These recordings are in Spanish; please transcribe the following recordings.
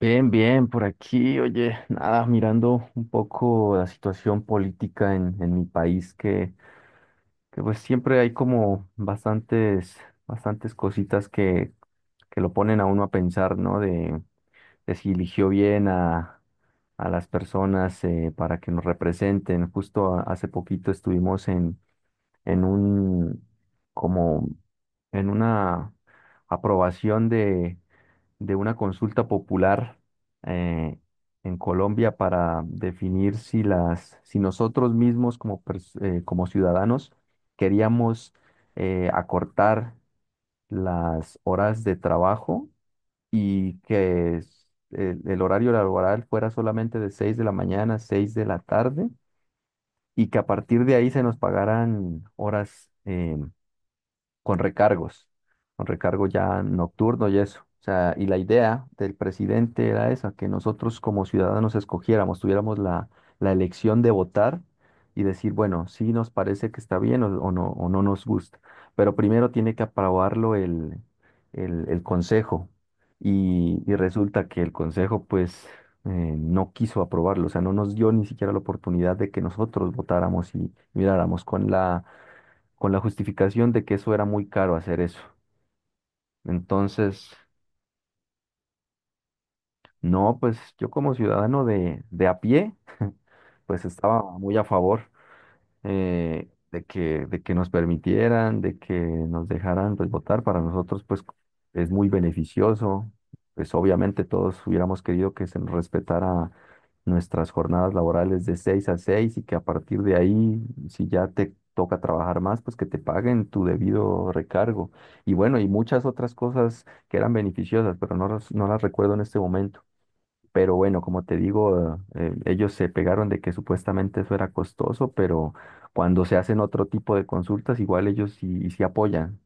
Bien, bien, por aquí, oye, nada, mirando un poco la situación política en mi país, que pues siempre hay como bastantes cositas que lo ponen a uno a pensar, ¿no? De si eligió bien a las personas para que nos representen. Justo hace poquito estuvimos en un, como, en una aprobación de una consulta popular eh, en Colombia para definir si nosotros mismos como ciudadanos queríamos acortar las horas de trabajo y que el horario laboral fuera solamente de 6 de la mañana a 6 de la tarde y que a partir de ahí se nos pagaran horas. Con recargos, con recargo ya nocturno y eso. O sea, y la idea del presidente era esa, que nosotros como ciudadanos escogiéramos, tuviéramos la elección de votar y decir, bueno, sí nos parece que está bien o no nos gusta. Pero primero tiene que aprobarlo el consejo. Y resulta que el consejo, pues, no quiso aprobarlo. O sea, no nos dio ni siquiera la oportunidad de que nosotros votáramos y miráramos con la justificación de que eso era muy caro hacer eso. Entonces, no, pues yo como ciudadano de a pie, pues estaba muy a favor. De que nos permitieran, de que nos dejaran pues, votar. Para nosotros, pues, es muy beneficioso. Pues, obviamente, todos hubiéramos querido que se nos respetara nuestras jornadas laborales de 6 a 6 y que a partir de ahí, si ya te toca trabajar más, pues que te paguen tu debido recargo. Y bueno, y muchas otras cosas que eran beneficiosas, pero no, no las recuerdo en este momento. Pero bueno, como te digo, ellos se pegaron de que supuestamente eso era costoso, pero cuando se hacen otro tipo de consultas, igual ellos sí, sí apoyan.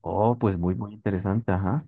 Oh, pues muy, muy interesante, ajá.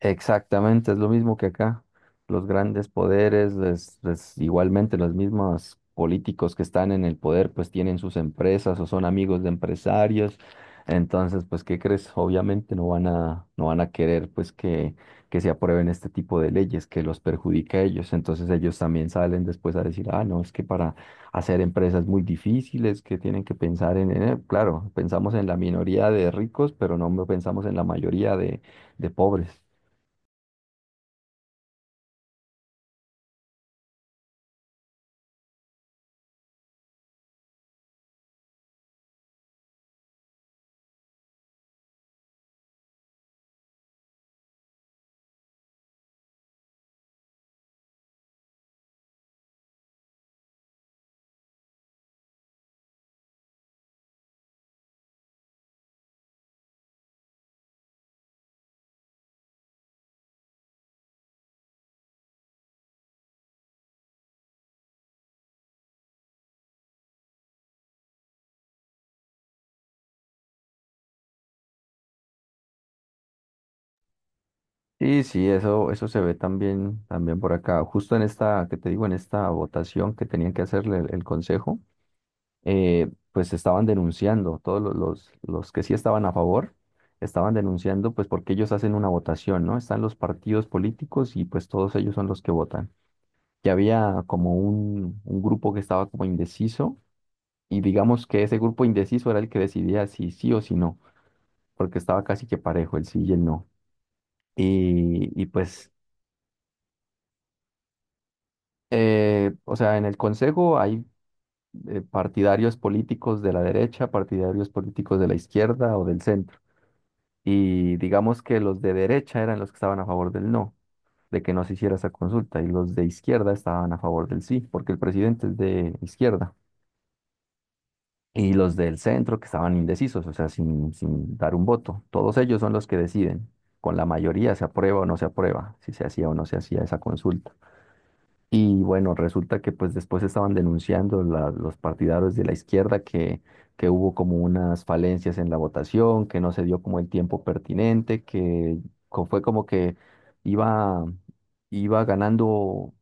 Exactamente, es lo mismo que acá. Los grandes poderes, igualmente los mismos políticos que están en el poder, pues tienen sus empresas o son amigos de empresarios. Entonces, pues, ¿qué crees? Obviamente no van a querer pues que se aprueben este tipo de leyes que los perjudica a ellos. Entonces ellos también salen después a decir, ah, no, es que para hacer empresas muy difíciles, que tienen que pensar en claro, pensamos en la minoría de ricos, pero no pensamos en la mayoría de pobres. Sí, sí, eso se ve también por acá. Justo en esta, que te digo, en esta votación que tenían que hacerle el consejo, pues estaban denunciando, todos los que sí estaban a favor, estaban denunciando, pues porque ellos hacen una votación, ¿no? Están los partidos políticos y pues todos ellos son los que votan. Que había como un grupo que estaba como indeciso y digamos que ese grupo indeciso era el que decidía si sí o si no, porque estaba casi que parejo el sí y el no. Y, y pues o sea, en el Consejo hay partidarios políticos de la derecha, partidarios políticos de la izquierda o del centro. Y digamos que los de derecha eran los que estaban a favor del no, de que no se hiciera esa consulta, y los de izquierda estaban a favor del sí, porque el presidente es de izquierda. Y los del centro que estaban indecisos, o sea, sin dar un voto. Todos ellos son los que deciden. Con la mayoría se aprueba o no se aprueba, si se hacía o no se hacía esa consulta. Y bueno, resulta que pues después estaban denunciando los partidarios de la izquierda que hubo como unas falencias en la votación, que no se dio como el tiempo pertinente, que fue como que iba, iba ganando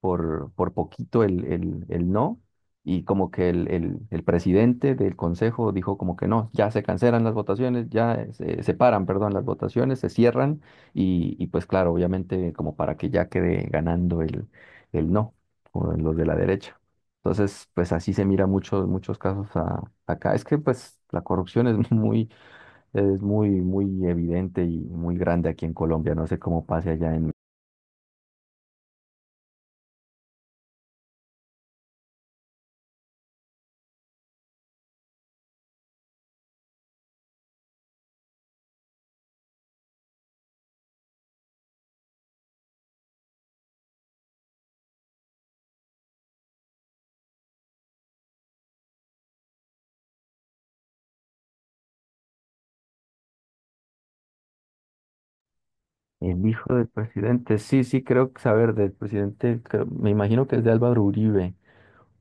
por poquito el no, y como que el presidente del consejo dijo como que no, ya se cancelan las votaciones, ya se paran, perdón, las votaciones, se cierran, y pues claro, obviamente como para que ya quede ganando el no, o los de la derecha. Entonces, pues así se mira muchos casos acá. Es que pues la corrupción es muy, muy evidente y muy grande aquí en Colombia. No sé cómo pase allá en. El hijo del presidente, sí, sí, creo que saber del presidente, me imagino que es de Álvaro Uribe,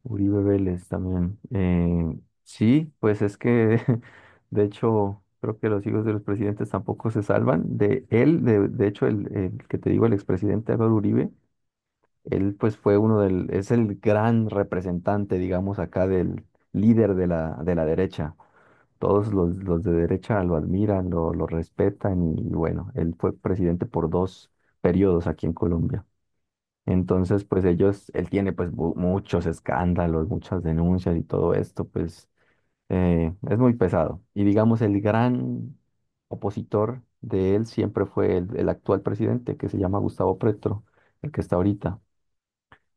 Uribe Vélez también. Sí, pues es que, de hecho, creo que los hijos de los presidentes tampoco se salvan. De hecho, el que te digo, el expresidente Álvaro Uribe. Él pues fue es el gran representante, digamos, acá del líder de la derecha. Todos los de derecha lo admiran, lo respetan y bueno, él fue presidente por dos periodos aquí en Colombia. Entonces, pues él tiene pues muchos escándalos, muchas denuncias y todo esto, pues es muy pesado. Y digamos, el gran opositor de él siempre fue el actual presidente, que se llama Gustavo Petro, el que está ahorita.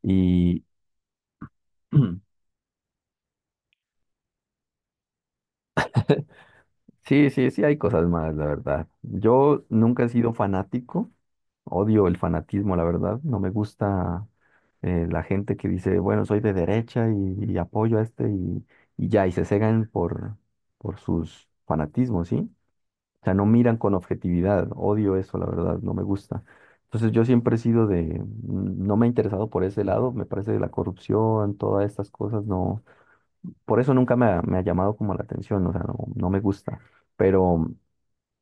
Y Mm, sí, sí, sí, hay cosas malas, la verdad. Yo nunca he sido fanático, odio el fanatismo, la verdad. No me gusta la gente que dice, bueno, soy de derecha y apoyo a este y ya, y se cegan por sus fanatismos, ¿sí? O sea, no miran con objetividad, odio eso, la verdad, no me gusta. Entonces yo siempre he sido no me he interesado por ese lado, me parece la corrupción, todas estas cosas, no. Por eso nunca me ha llamado como la atención, o sea, no, no me gusta. Pero,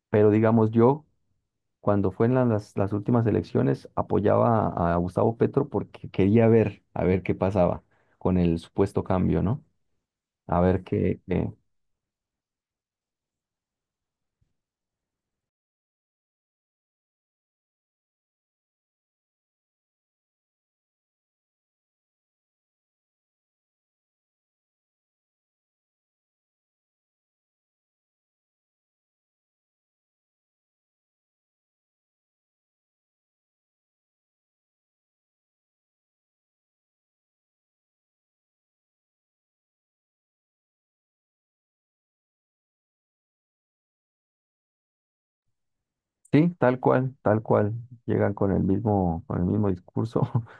pero digamos, yo cuando fue en las últimas elecciones apoyaba a Gustavo Petro porque quería ver, a ver qué pasaba con el supuesto cambio, ¿no? A ver qué. Sí, tal cual, llegan con el mismo discurso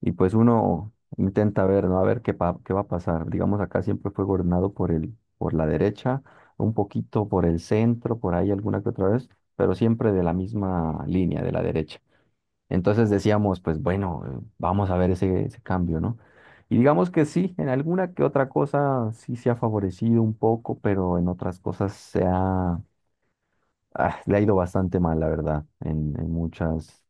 Y pues uno intenta ver, ¿no? A ver qué, qué va a pasar. Digamos, acá siempre fue gobernado por la derecha, un poquito por el centro, por ahí alguna que otra vez, pero siempre de la misma línea, de la derecha. Entonces decíamos, pues bueno, vamos a ver ese cambio, ¿no? Y digamos que sí, en alguna que otra cosa sí se ha favorecido un poco, pero en otras cosas le ha ido bastante mal, la verdad,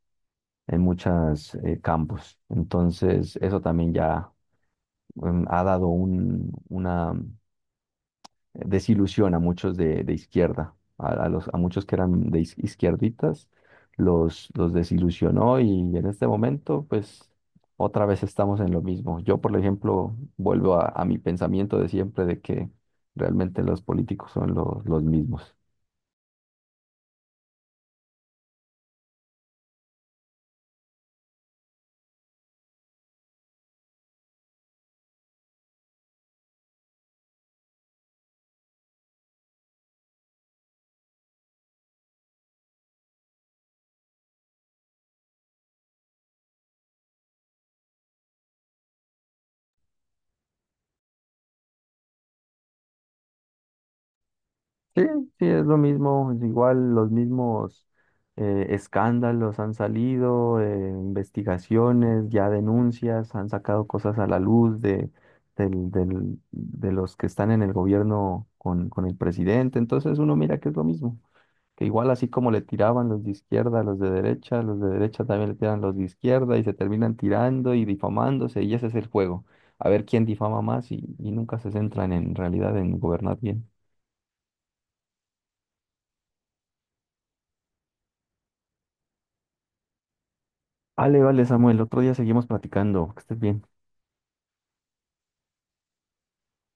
en muchas campos. Entonces, eso también ya ha dado una desilusión a muchos de izquierda, a muchos que eran de izquierditas, los desilusionó y en este momento, pues, otra vez estamos en lo mismo. Yo, por ejemplo, vuelvo a mi pensamiento de siempre de que realmente los políticos son los mismos. Sí, sí, es lo mismo, es igual los mismos escándalos han salido, investigaciones, ya denuncias, han sacado cosas a la luz de los que están en el gobierno con el presidente. Entonces uno mira que es lo mismo, que igual así como le tiraban los de izquierda a los de derecha también le tiran los de izquierda y se terminan tirando y difamándose y ese es el juego. A ver quién difama más y nunca se centran en realidad en gobernar bien. Vale, vale, Samuel, otro día seguimos platicando. Que estés bien.